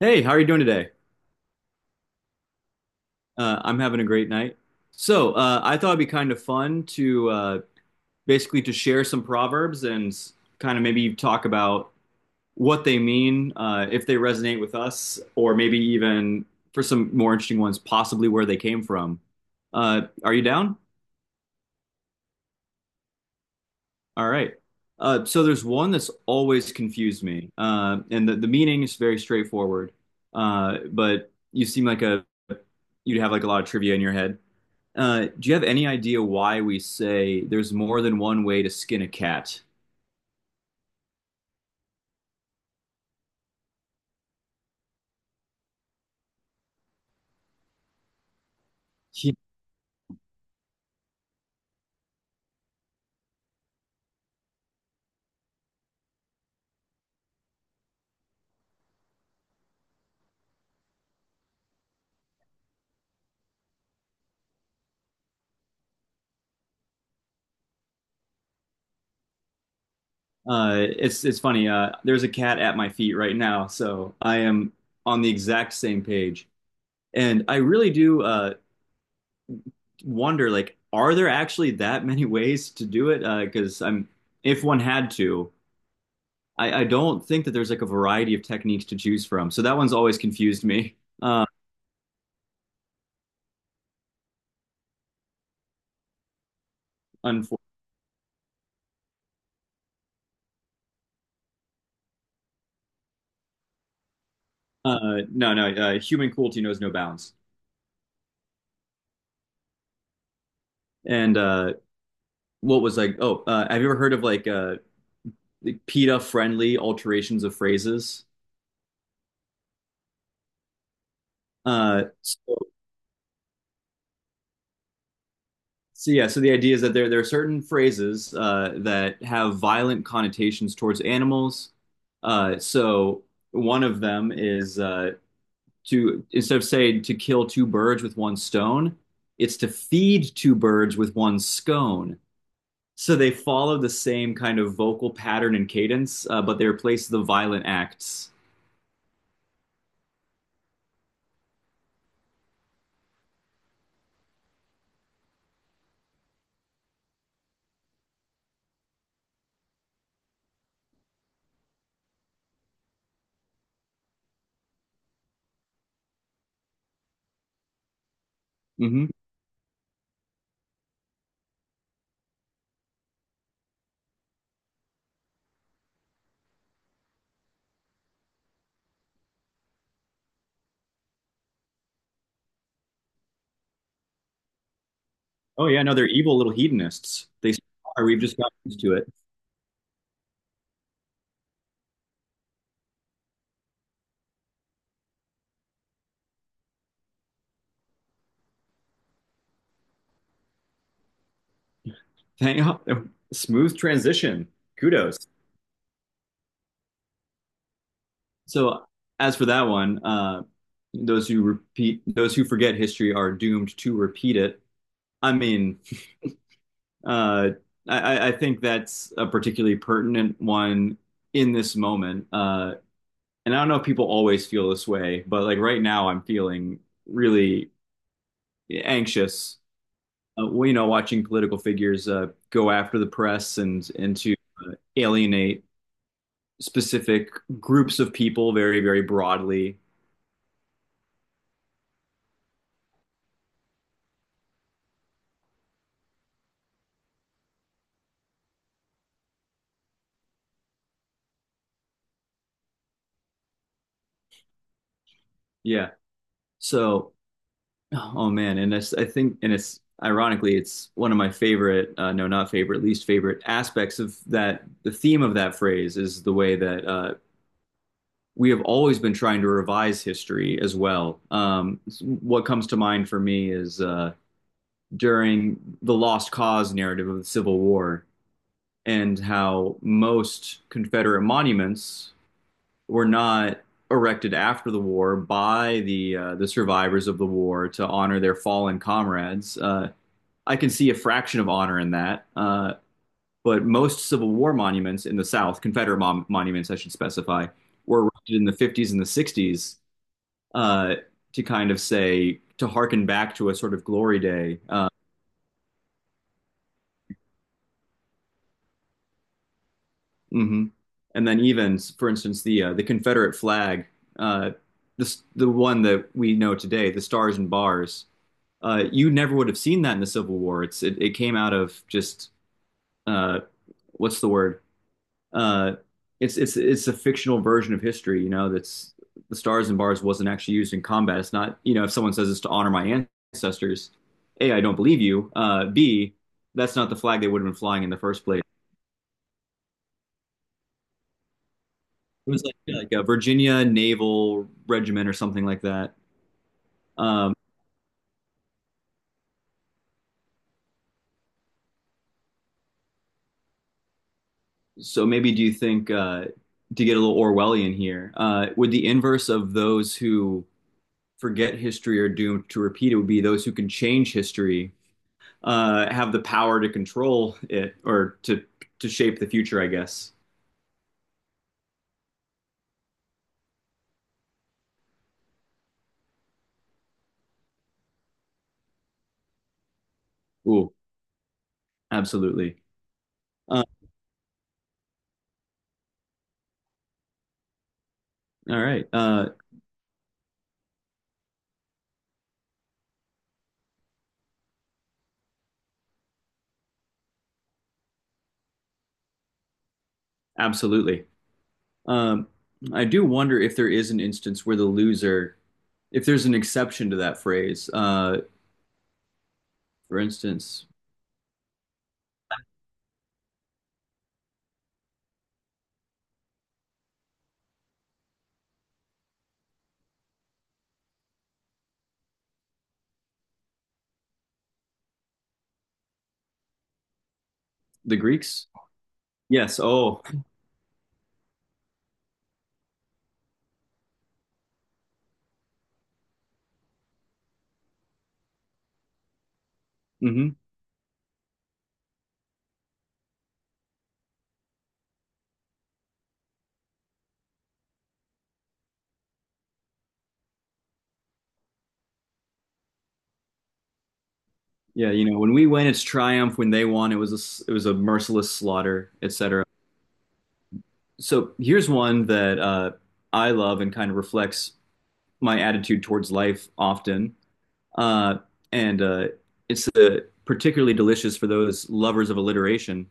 Hey, how are you doing today? I'm having a great night. I thought it'd be kind of fun to basically to share some proverbs and kind of maybe talk about what they mean, if they resonate with us, or maybe even for some more interesting ones, possibly where they came from. Are you down? All right. So there's one that's always confused me, and the meaning is very straightforward. But you seem like a you'd have like a lot of trivia in your head. Do you have any idea why we say there's more than one way to skin a cat? Yeah. It's funny. There's a cat at my feet right now, so I am on the exact same page. And I really do wonder, like, are there actually that many ways to do it? Because I'm, if one had to, I don't think that there's like a variety of techniques to choose from. So that one's always confused me. Uh, unfor- no, human cruelty knows no bounds. And what was like, oh, have you ever heard of like PETA-friendly alterations of phrases? Uh, so, so yeah, so the idea is that there are certain phrases that have violent connotations towards animals. So one of them is to instead of saying to kill two birds with one stone, it's to feed two birds with one scone. So they follow the same kind of vocal pattern and cadence, but they replace the violent acts. Mm-hmm. Oh yeah, no, they're evil little hedonists. They are. We've just got used to it. Thank smooth transition. Kudos. So as for that one, those who forget history are doomed to repeat it. I mean, uh, I think that's a particularly pertinent one in this moment. And I don't know if people always feel this way, but like right now, I'm feeling really anxious. Well, you know, watching political figures go after the press and into alienate specific groups of people very, very broadly. Yeah. So, oh man, and it's, I think, and it's ironically, it's one of my favorite, no, not favorite, least favorite aspects of that. The theme of that phrase is the way that we have always been trying to revise history as well. What comes to mind for me is during the Lost Cause narrative of the Civil War, and how most Confederate monuments were not erected after the war by the survivors of the war to honor their fallen comrades. I can see a fraction of honor in that, but most Civil War monuments in the South, Confederate monuments, I should specify, were erected in the 50s and the 60s uh, to kind of say to hearken back to a sort of glory day. Mhm. And then even, for instance, the Confederate flag, uh, this the one that we know today, the stars and bars. You never would have seen that in the Civil War. It's it, it came out of just uh, what's the word? Uh, it's a fictional version of history. You know, that's the stars and bars wasn't actually used in combat. It's not, you know, if someone says it's to honor my ancestors, a, I don't believe you. B, that's not the flag they would have been flying in the first place. It was like a Virginia Naval Regiment or something like that. Um, so maybe do you think to get a little Orwellian here, would the inverse of those who forget history or doomed to repeat it would be those who can change history have the power to control it or to shape the future, I guess. Ooh, absolutely. uh, all right. Absolutely. um, I do wonder if there is an instance where the loser, if there's an exception to that phrase, for instance, the Greeks. Yes, oh. Hmm. Yeah, you know, when we win it's triumph, when they won it was a, it was a merciless slaughter, etc. So here's one that I love and kind of reflects my attitude towards life often. Uh, and it's particularly delicious for those lovers of alliteration.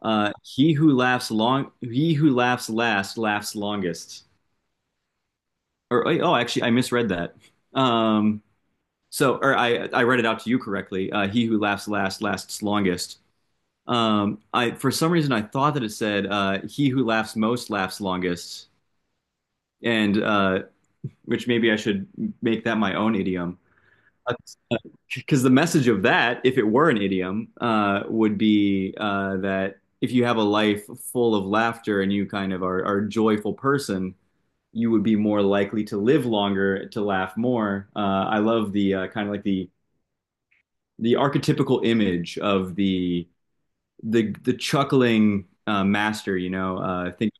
He who laughs last, laughs longest. Or oh, actually, I misread that. Um, so, or I read it out to you correctly. He who laughs last, lasts longest. I for some reason I thought that it said he who laughs most laughs longest, and which maybe I should make that my own idiom. Because the message of that, if it were an idiom, would be that if you have a life full of laughter and you kind of are a joyful person, you would be more likely to live longer, to laugh more. I love the kind of like the archetypical image of the the chuckling master, you know, think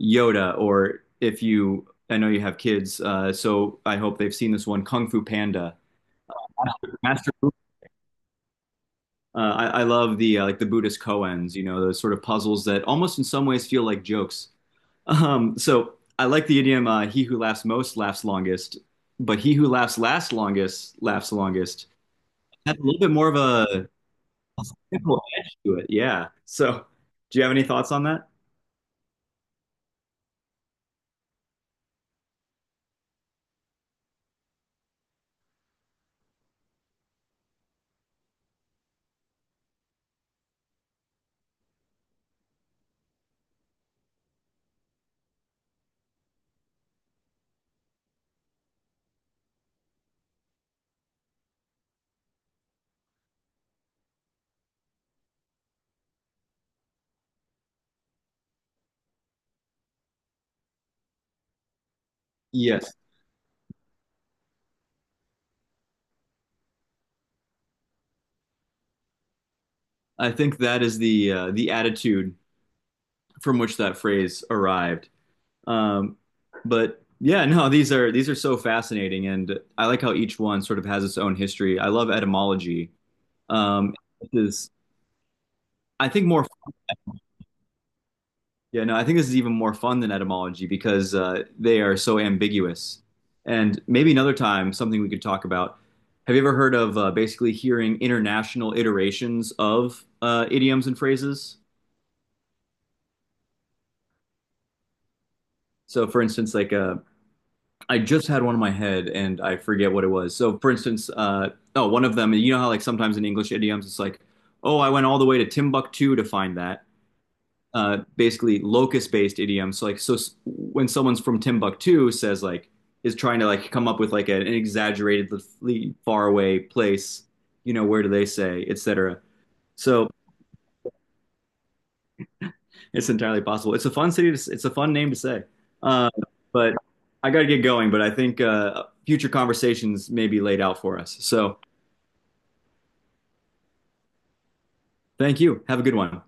Yoda, or if you, I know you have kids, so I hope they've seen this one, Kung Fu Panda. Master, I love the like the Buddhist koans, you know, those sort of puzzles that almost in some ways feel like jokes. So I like the idiom, "He who laughs most laughs longest," but he who laughs last longest laughs longest. That's a little bit more of a simple edge to it, yeah. So, do you have any thoughts on that? Yes. I think that is the attitude from which that phrase arrived. Um, but yeah, no, these are so fascinating, and I like how each one sort of has its own history. I love etymology. Um, this is I think more yeah, no, I think this is even more fun than etymology because they are so ambiguous. And maybe another time something we could talk about. Have you ever heard of basically hearing international iterations of idioms and phrases? So, for instance, like a I just had one in my head and I forget what it was. So, for instance, oh, one of them, you know how like sometimes in English idioms it's like, oh, I went all the way to Timbuktu to find that. Basically, locus-based idioms. So, like, so when someone's from Timbuktu says like is trying to like come up with like an exaggeratedly far away place, you know, where do they say, etc. So it's entirely possible. It's a fun city to, it's a fun name to say. Uh, but I got to get going, but I think future conversations may be laid out for us. So thank you. Have a good one.